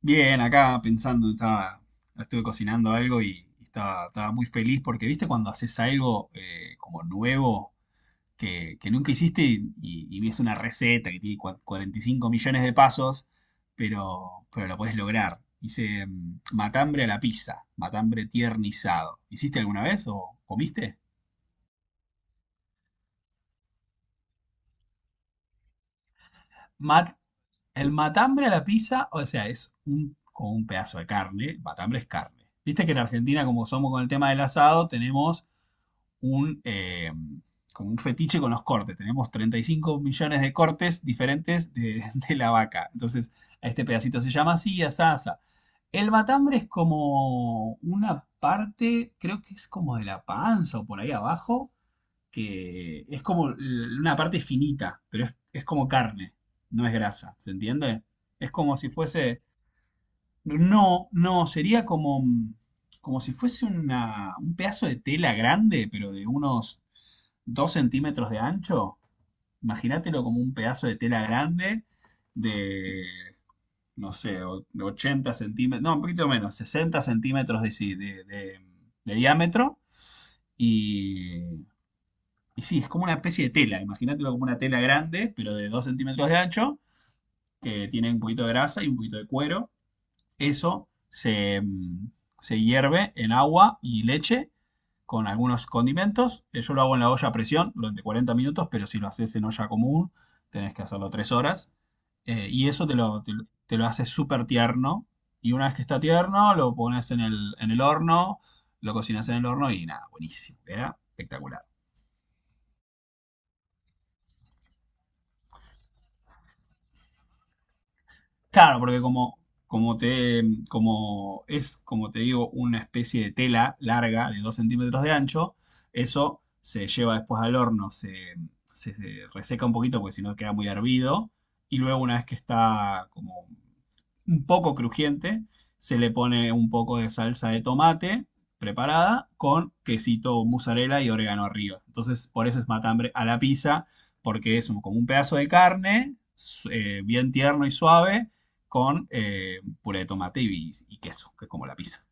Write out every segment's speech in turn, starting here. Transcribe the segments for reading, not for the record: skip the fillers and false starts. Bien, acá pensando, estuve cocinando algo y estaba muy feliz porque, viste, cuando haces algo como nuevo que nunca hiciste y ves una receta que tiene 45 millones de pasos, pero lo podés lograr. Hice matambre a la pizza, matambre tiernizado. ¿Hiciste alguna vez o comiste? Mat- el matambre a la pizza, o sea, es como un pedazo de carne. Matambre es carne. Viste que en Argentina, como somos con el tema del asado, tenemos un, como un fetiche con los cortes. Tenemos 35 millones de cortes diferentes de, de la vaca. Entonces, a este pedacito se llama así, asa, asa. El matambre es como una parte, creo que es como de la panza o por ahí abajo, que es como una parte finita, pero es como carne, no es grasa, ¿se entiende? Es como si fuese, no, no, sería como, como si fuese un pedazo de tela grande, pero de unos 2 centímetros de ancho. Imagínatelo como un pedazo de tela grande de, no sé, de 80 centímetros, no, un poquito menos, 60 centímetros de, de diámetro. Y, y sí, es como una especie de tela, imagínatelo como una tela grande, pero de 2 centímetros de ancho, que tiene un poquito de grasa y un poquito de cuero. Eso se hierve en agua y leche con algunos condimentos. Yo lo hago en la olla a presión durante 40 minutos, pero si lo haces en olla común, tenés que hacerlo 3 horas. Y eso te lo hace súper tierno. Y una vez que está tierno, lo pones en el horno, lo cocinas en el horno y nada, buenísimo, ¿verdad? Espectacular. Claro, porque como te, como te digo, una especie de tela larga de 2 centímetros de ancho, eso se lleva después al horno, se reseca un poquito porque si no queda muy hervido. Y luego una vez que está como un poco crujiente, se le pone un poco de salsa de tomate preparada con quesito mozzarella y orégano arriba. Entonces, por eso es matambre a la pizza, porque es como un pedazo de carne bien tierno y suave con puré de tomate y queso, que es como la pizza.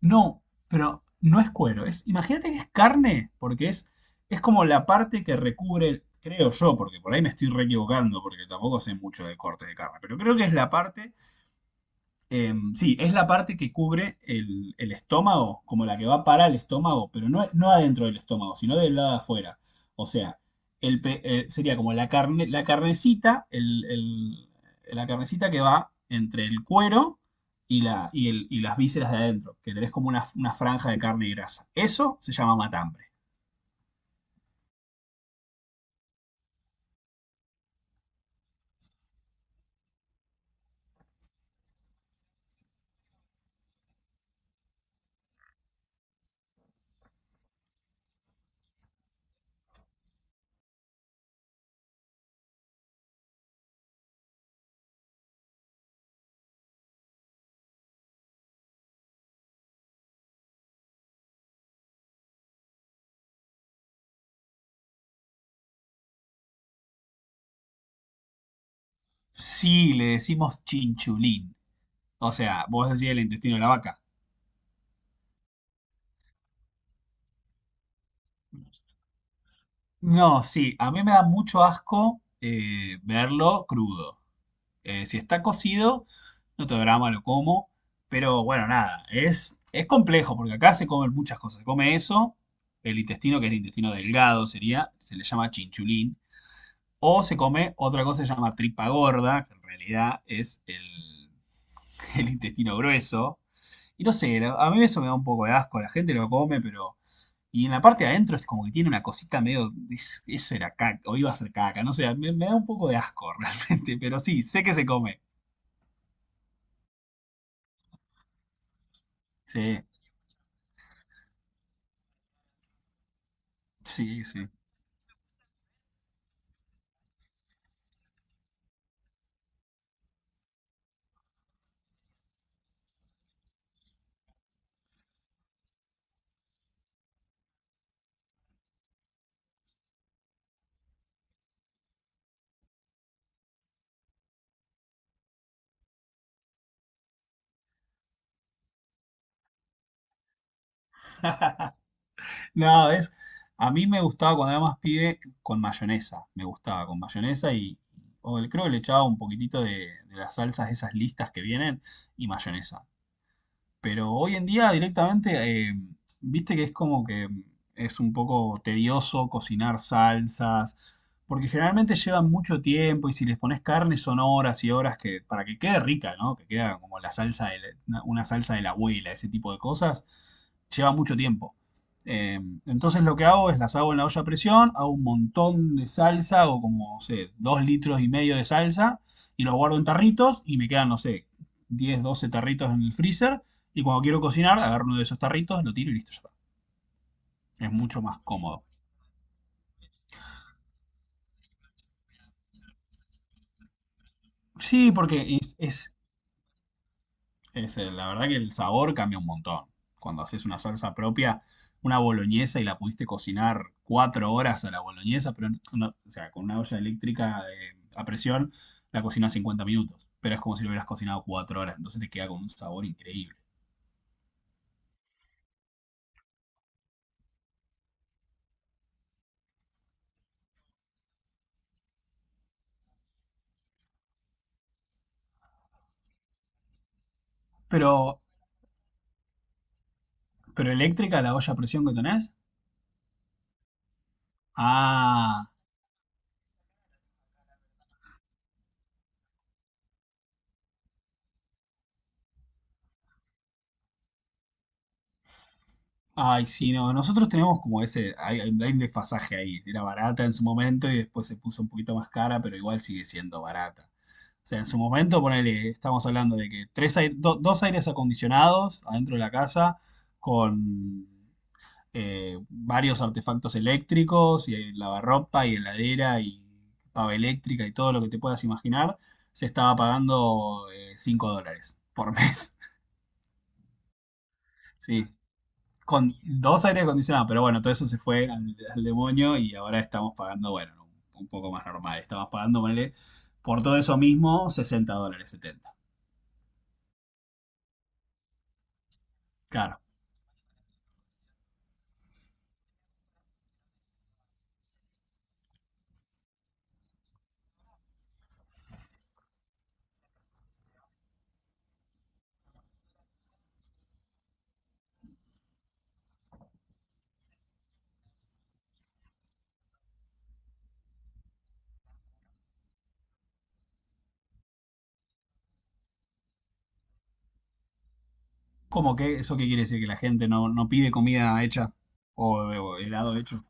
No, pero no es cuero, imagínate que es carne, porque es como la parte que recubre, creo yo, porque por ahí me estoy re equivocando, porque tampoco sé mucho de cortes de carne, pero creo que es la parte. Sí, es la parte que cubre el estómago, como la que va para el estómago, pero no, no adentro del estómago, sino del lado de afuera. O sea, sería como la carne, la carnecita que va entre el cuero y las vísceras de adentro, que tenés como una franja de carne y grasa. Eso se llama matambre. Sí, le decimos chinchulín. O sea, vos decís el intestino de la vaca. No, sí, a mí me da mucho asco verlo crudo. Si está cocido, no tengo drama, lo como. Pero bueno, nada, es complejo porque acá se comen muchas cosas. Se come eso, el intestino, que es el intestino delgado, sería, se le llama chinchulín. O se come otra cosa que se llama tripa gorda, que en realidad es el, el intestino grueso. Y no sé, a mí eso me da un poco de asco. La gente lo come, pero y en la parte de adentro es como que tiene una cosita medio. Es- eso era caca, o iba a ser caca, no sé, me da un poco de asco realmente, pero sí, sé que se come. Sí, sí, sí. No, es. A mí me gustaba cuando era más pibe con mayonesa. Me gustaba con mayonesa y. o el- creo que le echaba un poquitito de las salsas, esas listas que vienen, y mayonesa. Pero hoy en día directamente, viste que es como que es un poco tedioso cocinar salsas, porque generalmente llevan mucho tiempo y si les pones carne son horas y horas que, para que quede rica, ¿no? Que queda como la salsa de una salsa de la abuela, ese tipo de cosas, lleva mucho tiempo. Eh, entonces lo que hago es las hago en la olla a presión, hago un montón de salsa, hago como, no sé, dos litros y medio de salsa y los guardo en tarritos y me quedan, no sé, 10 12 tarritos en el freezer y cuando quiero cocinar, agarro uno de esos tarritos, lo tiro y listo, ya está. Es mucho más cómodo. Sí, porque la verdad que el sabor cambia un montón. Cuando haces una salsa propia, una boloñesa y la pudiste cocinar 4 horas a la boloñesa, pero no- o sea, con una olla eléctrica de- a presión, la cocinas 50 minutos. Pero es como si lo hubieras cocinado 4 horas, entonces te queda con un sabor increíble. Pero, pero eléctrica, la olla a presión que tenés, ah, ay, sí, no, nosotros tenemos como ese, hay un desfasaje ahí. Era barata en su momento y después se puso un poquito más cara, pero igual sigue siendo barata. O sea, en su momento, ponele, estamos hablando de que dos aires acondicionados adentro de la casa con varios artefactos eléctricos y lavarropa y heladera y pava eléctrica y todo lo que te puedas imaginar, se estaba pagando 5 dólares por mes. Sí, con dos aire acondicionados, pero bueno, todo eso se fue al demonio y ahora estamos pagando, bueno, un poco más normal. Estamos pagando, ponele, por todo eso mismo, 60 dólares, 70. Claro. ¿Cómo que eso qué quiere decir? ¿Que la gente no pide comida hecha o helado hecho?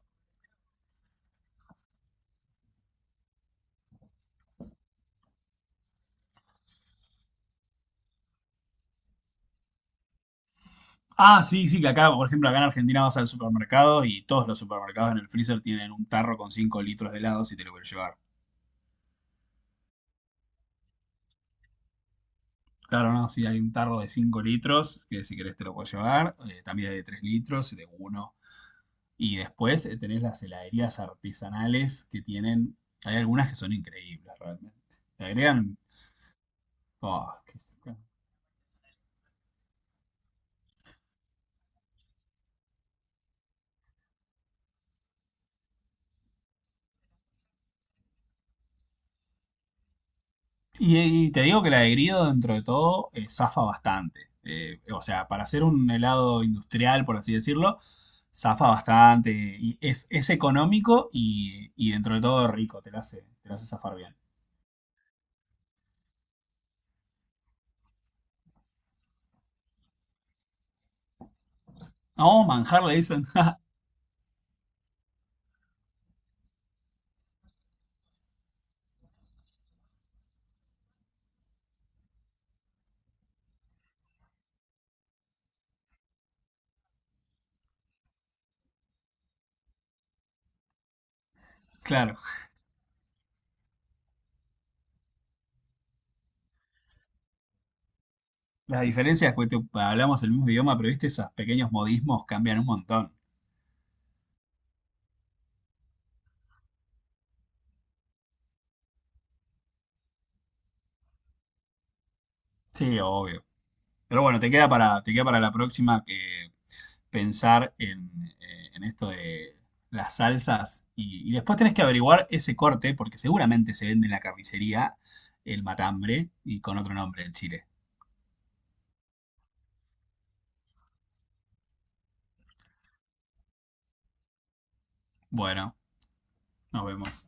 Ah, sí, sí, que acá, por ejemplo, acá en Argentina vas al supermercado y todos los supermercados en el freezer tienen un tarro con 5 litros de helado si te lo quieres llevar. Claro, no, si hay un tarro de 5 litros, que si querés te lo puedes llevar. También hay de 3 litros, de uno. Y después tenés las heladerías artesanales que tienen. Hay algunas que son increíbles realmente. Le agregan. Oh, qué sé yo. Y te digo que el de dentro de todo, zafa bastante. O sea, para hacer un helado industrial, por así decirlo, zafa bastante. Y es económico y dentro de todo rico. Te la hace zafar bien. Oh, manjar le dicen. Claro. Las diferencias, que hablamos el mismo idioma, pero viste, esos pequeños modismos cambian un montón. Sí, obvio. Pero bueno, te queda para la próxima que pensar en esto de las salsas y después tenés que averiguar ese corte porque seguramente se vende en la carnicería el matambre y con otro nombre el chile. Bueno, nos vemos.